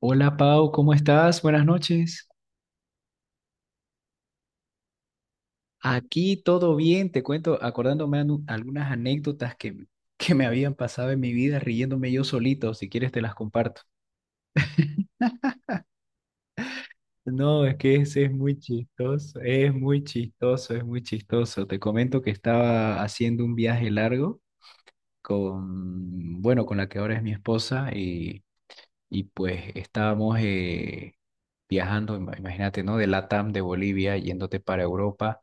Hola Pau, ¿cómo estás? Buenas noches. Aquí todo bien, te cuento, acordándome algunas anécdotas que me habían pasado en mi vida riéndome yo solito, si quieres te las comparto. No, es que ese es muy chistoso, es muy chistoso, es muy chistoso. Te comento que estaba haciendo un viaje largo con, bueno, con la que ahora es mi esposa, y pues estábamos viajando. Imagínate, ¿no? De Latam, de Bolivia, yéndote para Europa,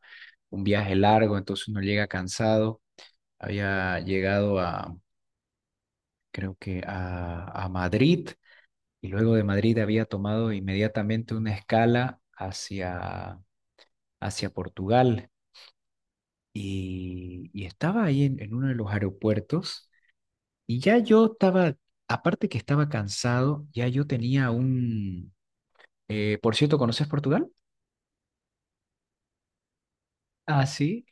un viaje largo, entonces uno llega cansado. Había llegado a, creo que a Madrid, y luego de Madrid había tomado inmediatamente una escala hacia Portugal, y estaba ahí en uno de los aeropuertos, y ya yo estaba, aparte que estaba cansado. Por cierto, ¿conoces Portugal? Ah, sí.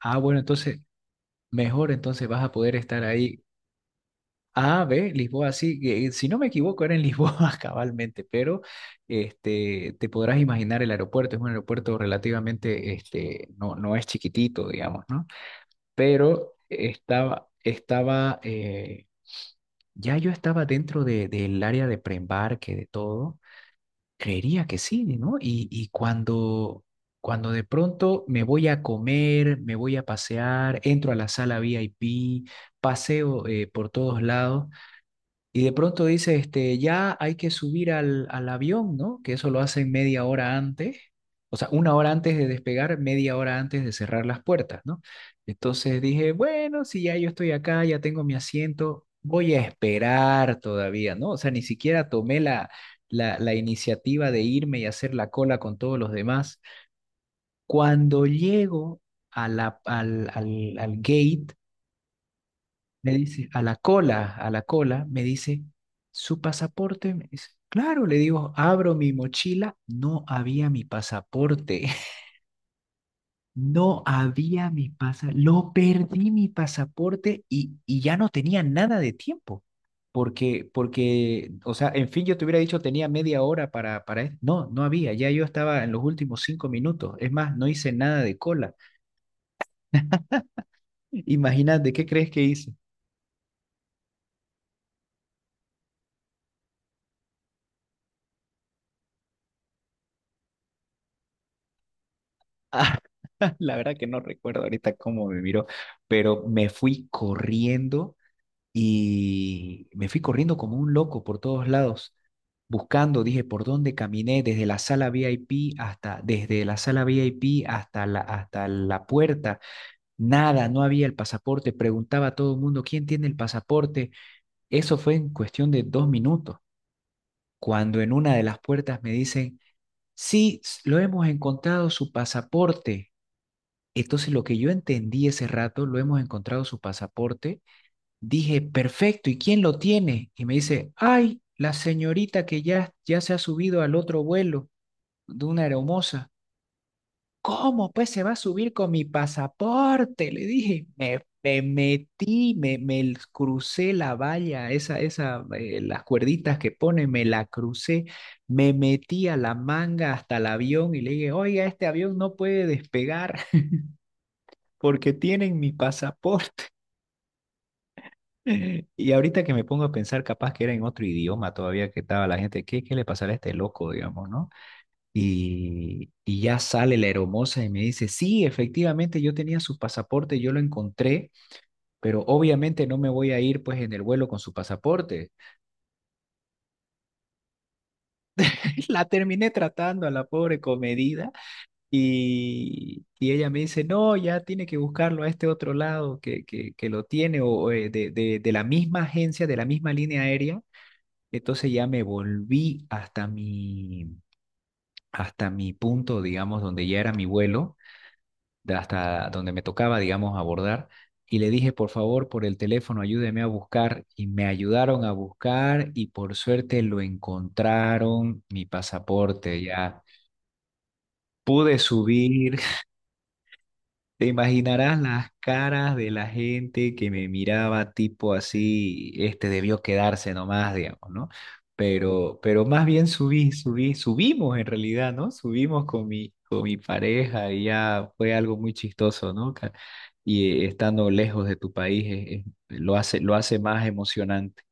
Ah, bueno, entonces, mejor entonces vas a poder estar ahí. A, B, Lisboa, sí. Que, si no me equivoco, era en Lisboa cabalmente. Pero este, te podrás imaginar el aeropuerto. Es un aeropuerto relativamente, este, no, no es chiquitito, digamos, ¿no? Pero ya yo estaba dentro del área de preembarque, de todo. Creería que sí, ¿no? Y cuando de pronto me voy a comer, me voy a pasear, entro a la sala VIP, paseo por todos lados. Y de pronto dice, este, ya hay que subir al avión, ¿no? Que eso lo hacen media hora antes, o sea, una hora antes de despegar, media hora antes de cerrar las puertas, ¿no? Entonces dije, bueno, si ya yo estoy acá, ya tengo mi asiento, voy a esperar todavía, ¿no? O sea, ni siquiera tomé la iniciativa de irme y hacer la cola con todos los demás. Cuando llego a la, al, al, al gate, me dice, a la cola, me dice, ¿su pasaporte? Me dice, claro, le digo, abro mi mochila, no había mi pasaporte. No había mi pasaporte, lo perdí mi pasaporte, y ya no tenía nada de tiempo. Porque, o sea, en fin, yo te hubiera dicho tenía media hora para esto. No, no había, ya yo estaba en los últimos 5 minutos. Es más, no hice nada de cola. Imagínate, ¿qué crees que hice? La verdad que no recuerdo ahorita cómo me miró, pero me fui corriendo y me fui corriendo como un loco por todos lados, buscando, dije, por dónde caminé, desde la sala VIP hasta la puerta. Nada, no había el pasaporte. Preguntaba a todo el mundo, ¿quién tiene el pasaporte? Eso fue en cuestión de 2 minutos, cuando en una de las puertas me dicen, sí, lo hemos encontrado su pasaporte. Entonces, lo que yo entendí ese rato, lo hemos encontrado su pasaporte. Dije, perfecto, ¿y quién lo tiene? Y me dice, ay, la señorita que ya, ya se ha subido al otro vuelo de una aeromoza. ¿Cómo pues se va a subir con mi pasaporte? Le dije, me metí, me crucé la valla, esa, las cuerditas que pone, me la crucé, me metí a la manga hasta el avión y le dije, oiga, este avión no puede despegar porque tienen mi pasaporte. Y ahorita que me pongo a pensar, capaz que era en otro idioma todavía que estaba la gente. ¿Qué le pasará a este loco, digamos, ¿no? Y ya sale la hermosa y me dice, sí, efectivamente, yo tenía su pasaporte, yo lo encontré, pero obviamente no me voy a ir pues en el vuelo con su pasaporte. La terminé tratando a la pobre comedida, y ella me dice, no, ya tiene que buscarlo a este otro lado que, que lo tiene, o de, de la misma agencia, de la misma línea aérea. Entonces ya me volví hasta mi, punto, digamos, donde ya era mi vuelo, de hasta donde me tocaba, digamos, abordar. Y le dije, por favor, por el teléfono, ayúdeme a buscar. Y me ayudaron a buscar y por suerte lo encontraron, mi pasaporte ya. Pude subir. Te imaginarás las caras de la gente que me miraba tipo así, este debió quedarse nomás, digamos, ¿no? Pero más bien subimos en realidad, ¿no? Subimos con mi pareja y ya fue algo muy chistoso, ¿no? Y estando lejos de tu país lo hace más emocionante.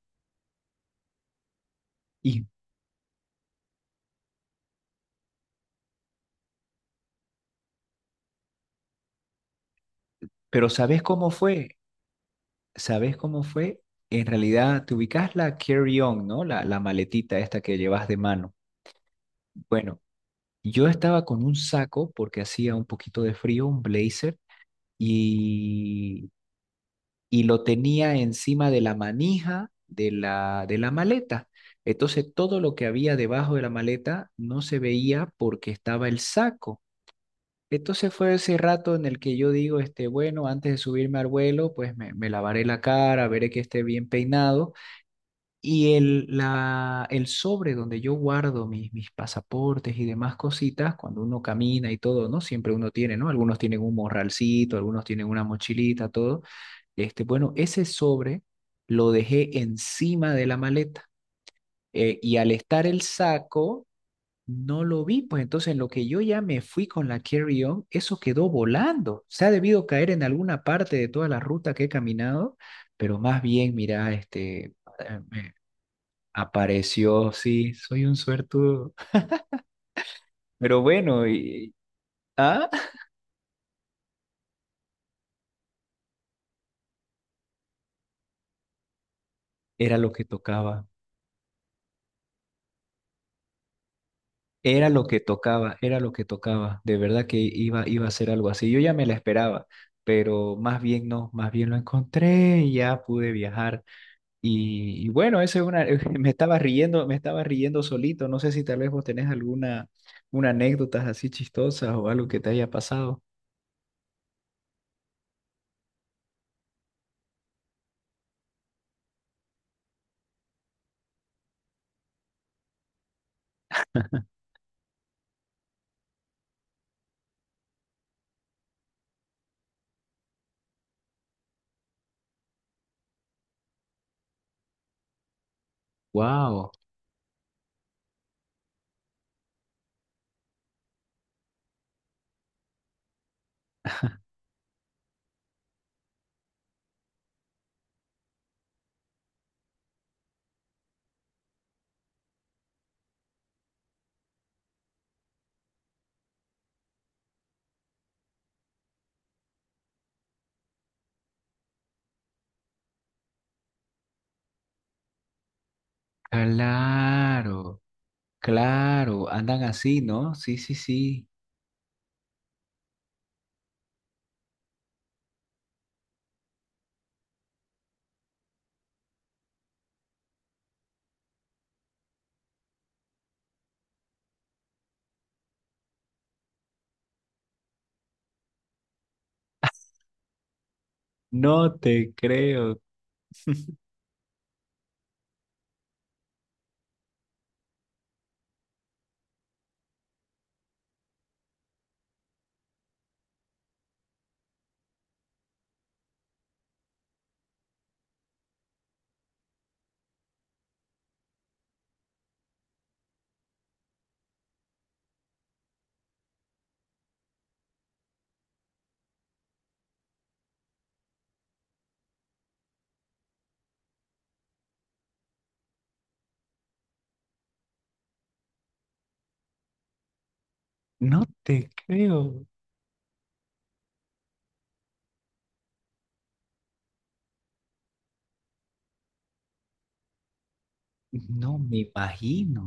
Y, pero ¿sabes cómo fue? ¿Sabes cómo fue? En realidad, te ubicas la carry-on, ¿no? La maletita esta que llevas de mano. Bueno. Yo estaba con un saco porque hacía un poquito de frío, un blazer, y, y lo tenía encima de la manija de la, maleta. Entonces todo lo que había debajo de la maleta no se veía porque estaba el saco. Entonces fue ese rato en el que yo digo, este, bueno, antes de subirme al vuelo, pues me lavaré la cara, veré que esté bien peinado, y el sobre donde yo guardo mis pasaportes y demás cositas, cuando uno camina y todo, ¿no? Siempre uno tiene, ¿no? Algunos tienen un morralcito, algunos tienen una mochilita, todo. Este, bueno, ese sobre lo dejé encima de la maleta. Y al estar el saco, no lo vi. Pues entonces, en lo que yo ya me fui con la carry-on, eso quedó volando. Se ha debido caer en alguna parte de toda la ruta que he caminado, pero más bien, mira, este, eh, apareció. Sí, soy un suertudo. Pero bueno, ah, era lo que tocaba, era lo que tocaba, era lo que tocaba. De verdad que iba a ser algo así. Yo ya me la esperaba, pero más bien no, más bien lo encontré y ya pude viajar. Y bueno, eso es una, me estaba riendo solito. No sé si tal vez vos tenés alguna, una anécdotas así chistosas o algo que te haya pasado. Wow, claro. Claro, andan así, ¿no? Sí, sí, sí. No te creo, no te creo. No me imagino.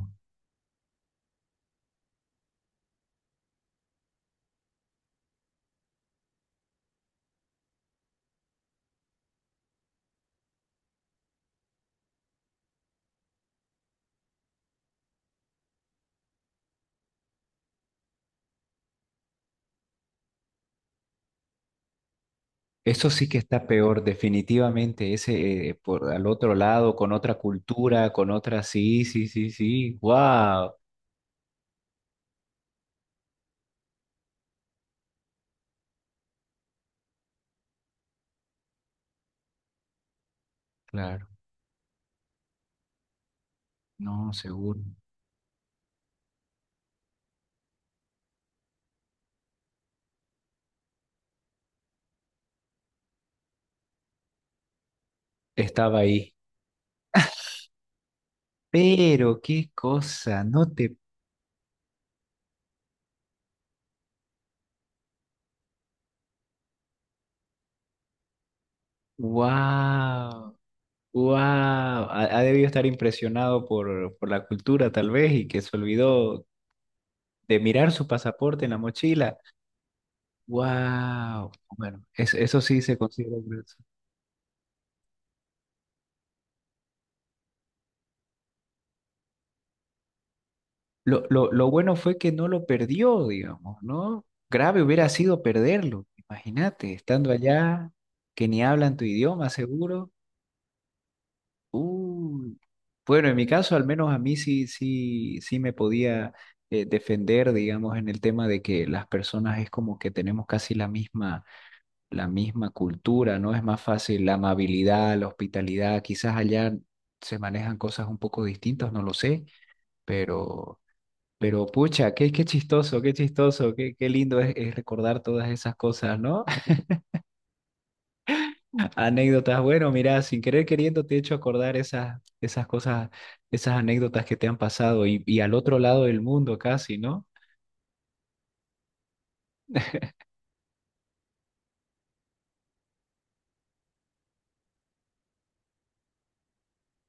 Eso sí que está peor, definitivamente. Ese por al otro lado, con otra cultura, con otra, sí, sí, sí, sí. Wow. Claro, no, seguro. Estaba ahí. Pero qué cosa, no te. Wow, wow. Ha debido estar impresionado por la cultura, tal vez, y que se olvidó de mirar su pasaporte en la mochila. ¡Wow! Bueno, eso sí se considera grueso. Lo bueno fue que no lo perdió, digamos, ¿no? Grave hubiera sido perderlo. Imagínate, estando allá, que ni hablan tu idioma, seguro. Uy. Bueno, en mi caso, al menos a mí sí, sí, sí me podía defender, digamos, en el tema de que las personas es como que tenemos casi la misma cultura, ¿no? Es más fácil la amabilidad, la hospitalidad, quizás allá se manejan cosas un poco distintas, no lo sé, pero, pucha, qué chistoso, qué chistoso, qué lindo es, recordar todas esas cosas, ¿no? Anécdotas, bueno, mira, sin querer queriendo te he hecho acordar esas cosas, esas anécdotas que te han pasado, y al otro lado del mundo casi, ¿no?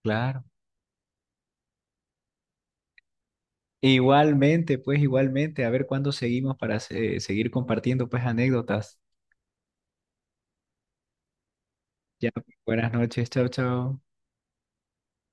Claro. Igualmente, pues igualmente, a ver cuándo seguimos para seguir compartiendo pues anécdotas. Ya, buenas noches, chao, chao.